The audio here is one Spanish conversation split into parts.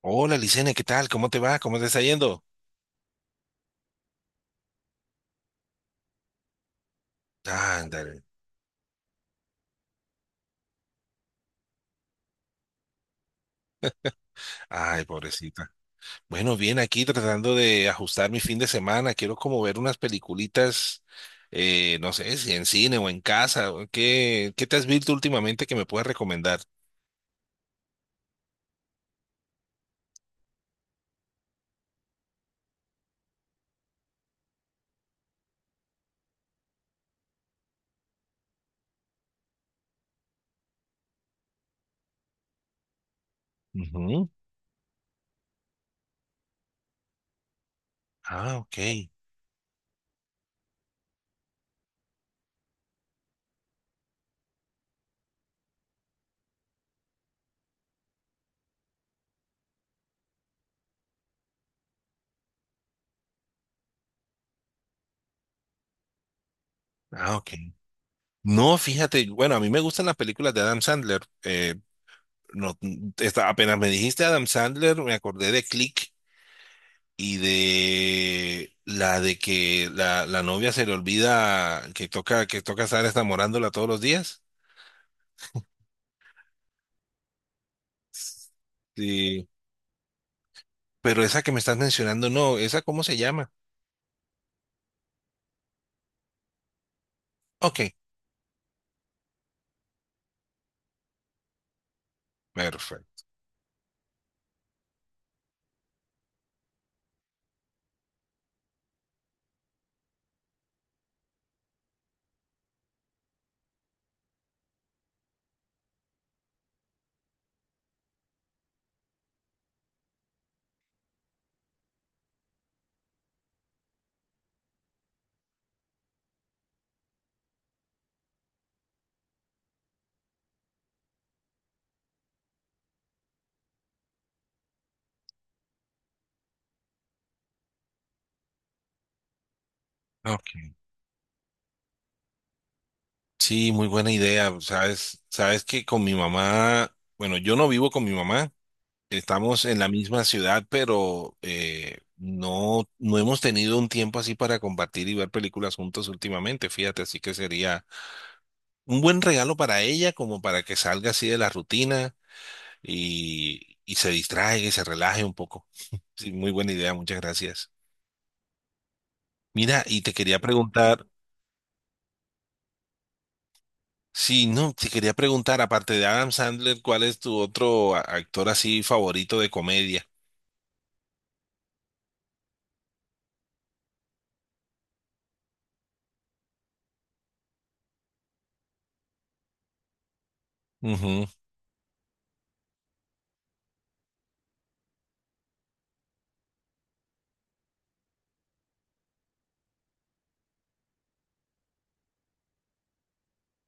Hola, Licene, ¿qué tal? ¿Cómo te va? ¿Cómo te está yendo? Ándale. Ay, pobrecita. Bueno, bien, aquí tratando de ajustar mi fin de semana. Quiero como ver unas peliculitas, no sé, si en cine o en casa. ¿Qué te has visto últimamente que me puedas recomendar? Ujú. Ah, ok. Ah, ok. No, fíjate, bueno, a mí me gustan las películas de Adam Sandler. No, está, apenas me dijiste Adam Sandler, me acordé de Click y de la de que la novia se le olvida que toca estar enamorándola todos los días. Sí. Pero esa que me estás mencionando, no, ¿esa cómo se llama? Ok, perfecto. Ok. Sí, muy buena idea. Sabes, sabes que con mi mamá, bueno, yo no vivo con mi mamá, estamos en la misma ciudad, pero no, no hemos tenido un tiempo así para compartir y ver películas juntos últimamente, fíjate, así que sería un buen regalo para ella, como para que salga así de la rutina y se distraiga y se relaje un poco. Sí, muy buena idea, muchas gracias. Mira, y te quería preguntar, sí, no, te quería preguntar, aparte de Adam Sandler, ¿cuál es tu otro actor así favorito de comedia? Ujú.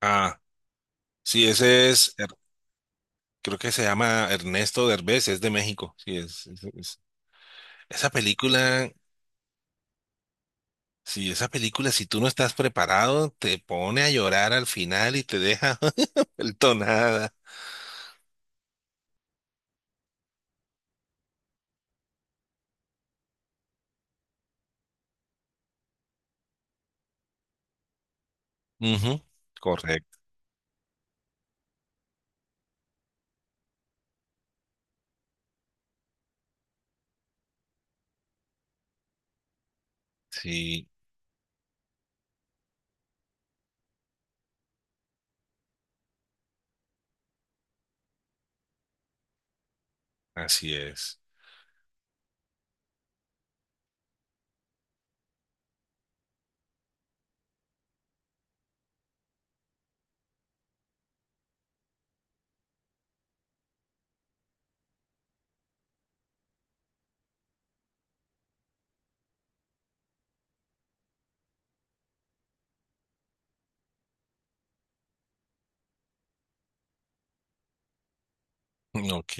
Ah, sí, ese es, creo que se llama Ernesto Derbez, es de México. Sí, esa película, sí, esa película, si tú no estás preparado, te pone a llorar al final y te deja. El tonada. Ujú, correcto. Sí, así es. Mm, ok.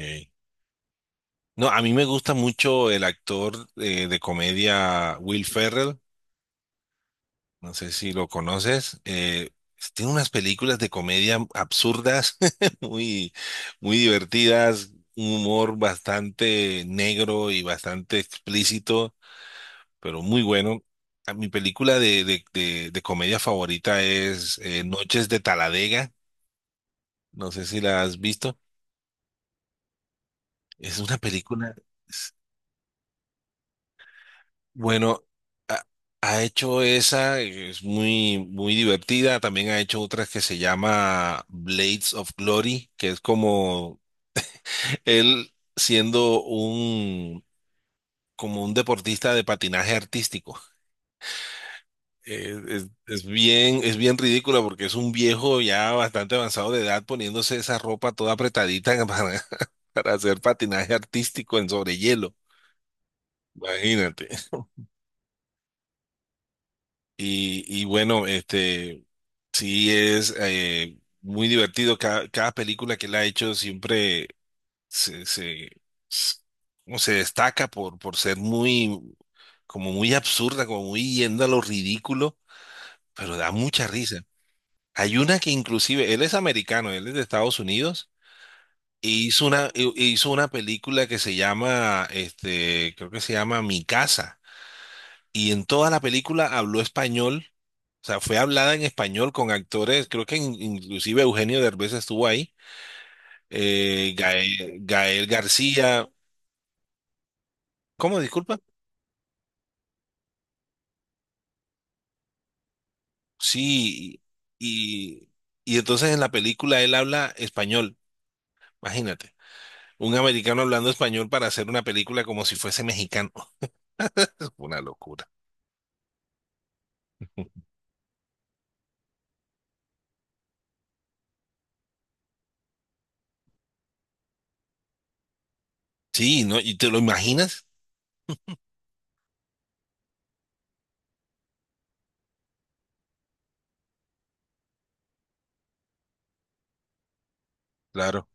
No, a mí me gusta mucho el actor de comedia Will Ferrell. No sé si lo conoces. Tiene unas películas de comedia absurdas, muy, muy divertidas, un humor bastante negro y bastante explícito, pero muy bueno. A Mi película de comedia favorita es Noches de Taladega. No sé si la has visto. Es una película, es- bueno, ha, ha hecho esa, es muy, muy divertida. También ha hecho otras que se llama Blades of Glory, que es como él siendo como un deportista de patinaje artístico. Es, es bien ridícula porque es un viejo ya bastante avanzado de edad poniéndose esa ropa toda apretadita para hacer patinaje artístico en sobre hielo. Imagínate. Y bueno, sí, es muy divertido. Cada película que él ha hecho siempre se, se, s- como se destaca por ser muy, como muy absurda, como muy yendo a lo ridículo, pero da mucha risa. Hay una que inclusive, él es americano, él es de Estados Unidos, y hizo una, hizo una película que se llama, creo que se llama Mi Casa, y en toda la película habló español. O sea, fue hablada en español con actores, creo que inclusive Eugenio Derbez estuvo ahí, Gael García, ¿cómo? Disculpa. Sí, y, y entonces en la película él habla español, imagínate, un americano hablando español para hacer una película como si fuese mexicano, una locura. Sí, ¿no? ¿Y te lo imaginas? Claro.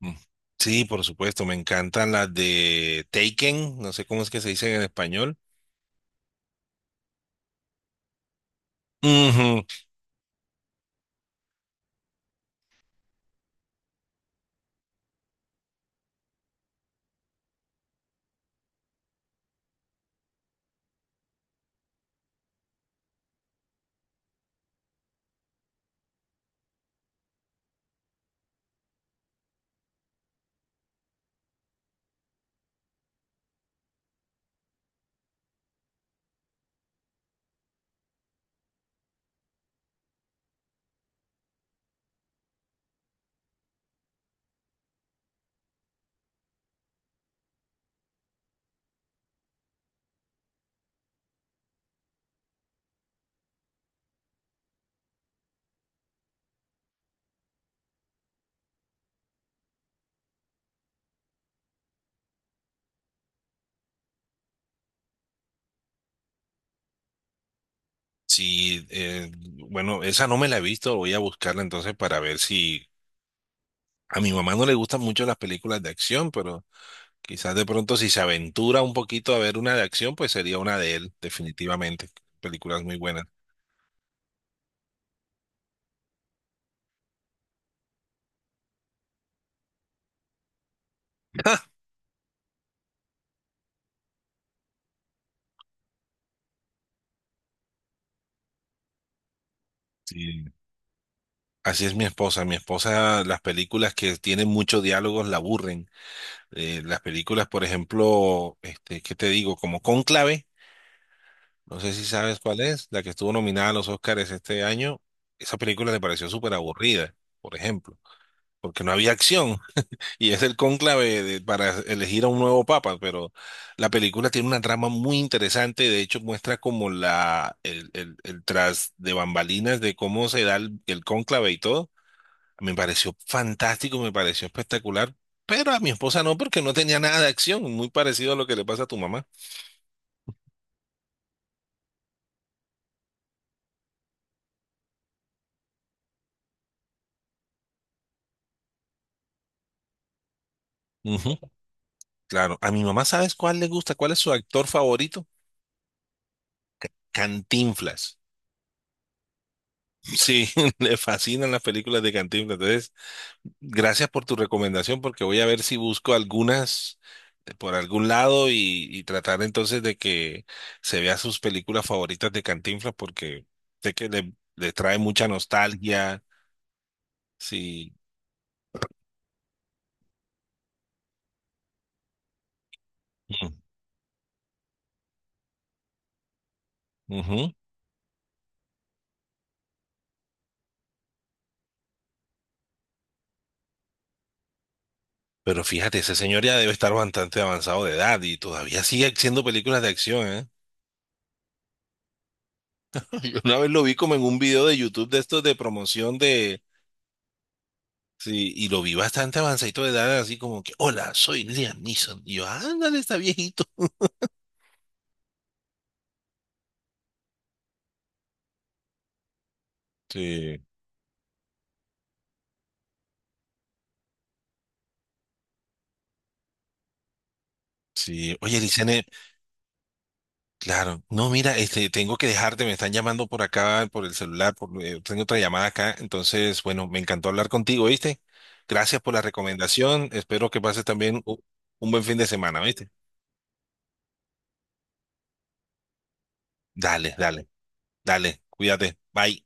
Mm. Sí, por supuesto, me encantan las de Taken, no sé cómo es que se dicen en español. Ujú. Sí, bueno, esa no me la he visto, voy a buscarla entonces para ver si a mi mamá no le gustan mucho las películas de acción, pero quizás de pronto si se aventura un poquito a ver una de acción, pues sería una de él, definitivamente. Películas muy buenas. Sí. Así es mi esposa. Mi esposa, las películas que tienen muchos diálogos la aburren. Las películas, por ejemplo, ¿qué te digo? Como Cónclave. No sé si sabes cuál es, la que estuvo nominada a los Oscars este año. Esa película me pareció súper aburrida, por ejemplo, porque no había acción. Y es el para elegir a un nuevo papa, pero la película tiene una trama muy interesante. De hecho, muestra como el tras de bambalinas de cómo se da el cónclave y todo. Me pareció fantástico, me pareció espectacular. Pero a mi esposa no, porque no tenía nada de acción, muy parecido a lo que le pasa a tu mamá. Claro, a mi mamá, ¿sabes cuál le gusta? ¿Cuál es su actor favorito? Cantinflas. Sí, le fascinan las películas de Cantinflas. Entonces, gracias por tu recomendación porque voy a ver si busco algunas por algún lado y tratar entonces de que se vea sus películas favoritas de Cantinflas porque sé que le trae mucha nostalgia. Sí. Mm, ujú. Pero fíjate, ese señor ya debe estar bastante avanzado de edad y todavía sigue haciendo películas de acción, ¿eh? Yo una vez lo vi como en un video de YouTube de estos de promoción de... Sí, y lo vi bastante avanzadito de edad, así como que, hola, soy Liam Neeson. Y yo, ándale, está viejito. Sí, sí. Oye, Licene, claro. No, mira, tengo que dejarte, me están llamando por acá, por el celular, tengo otra llamada acá. Entonces, bueno, me encantó hablar contigo, ¿viste? Gracias por la recomendación. Espero que pases también un buen fin de semana, ¿viste? Dale, dale, dale. Cuídate. Bye.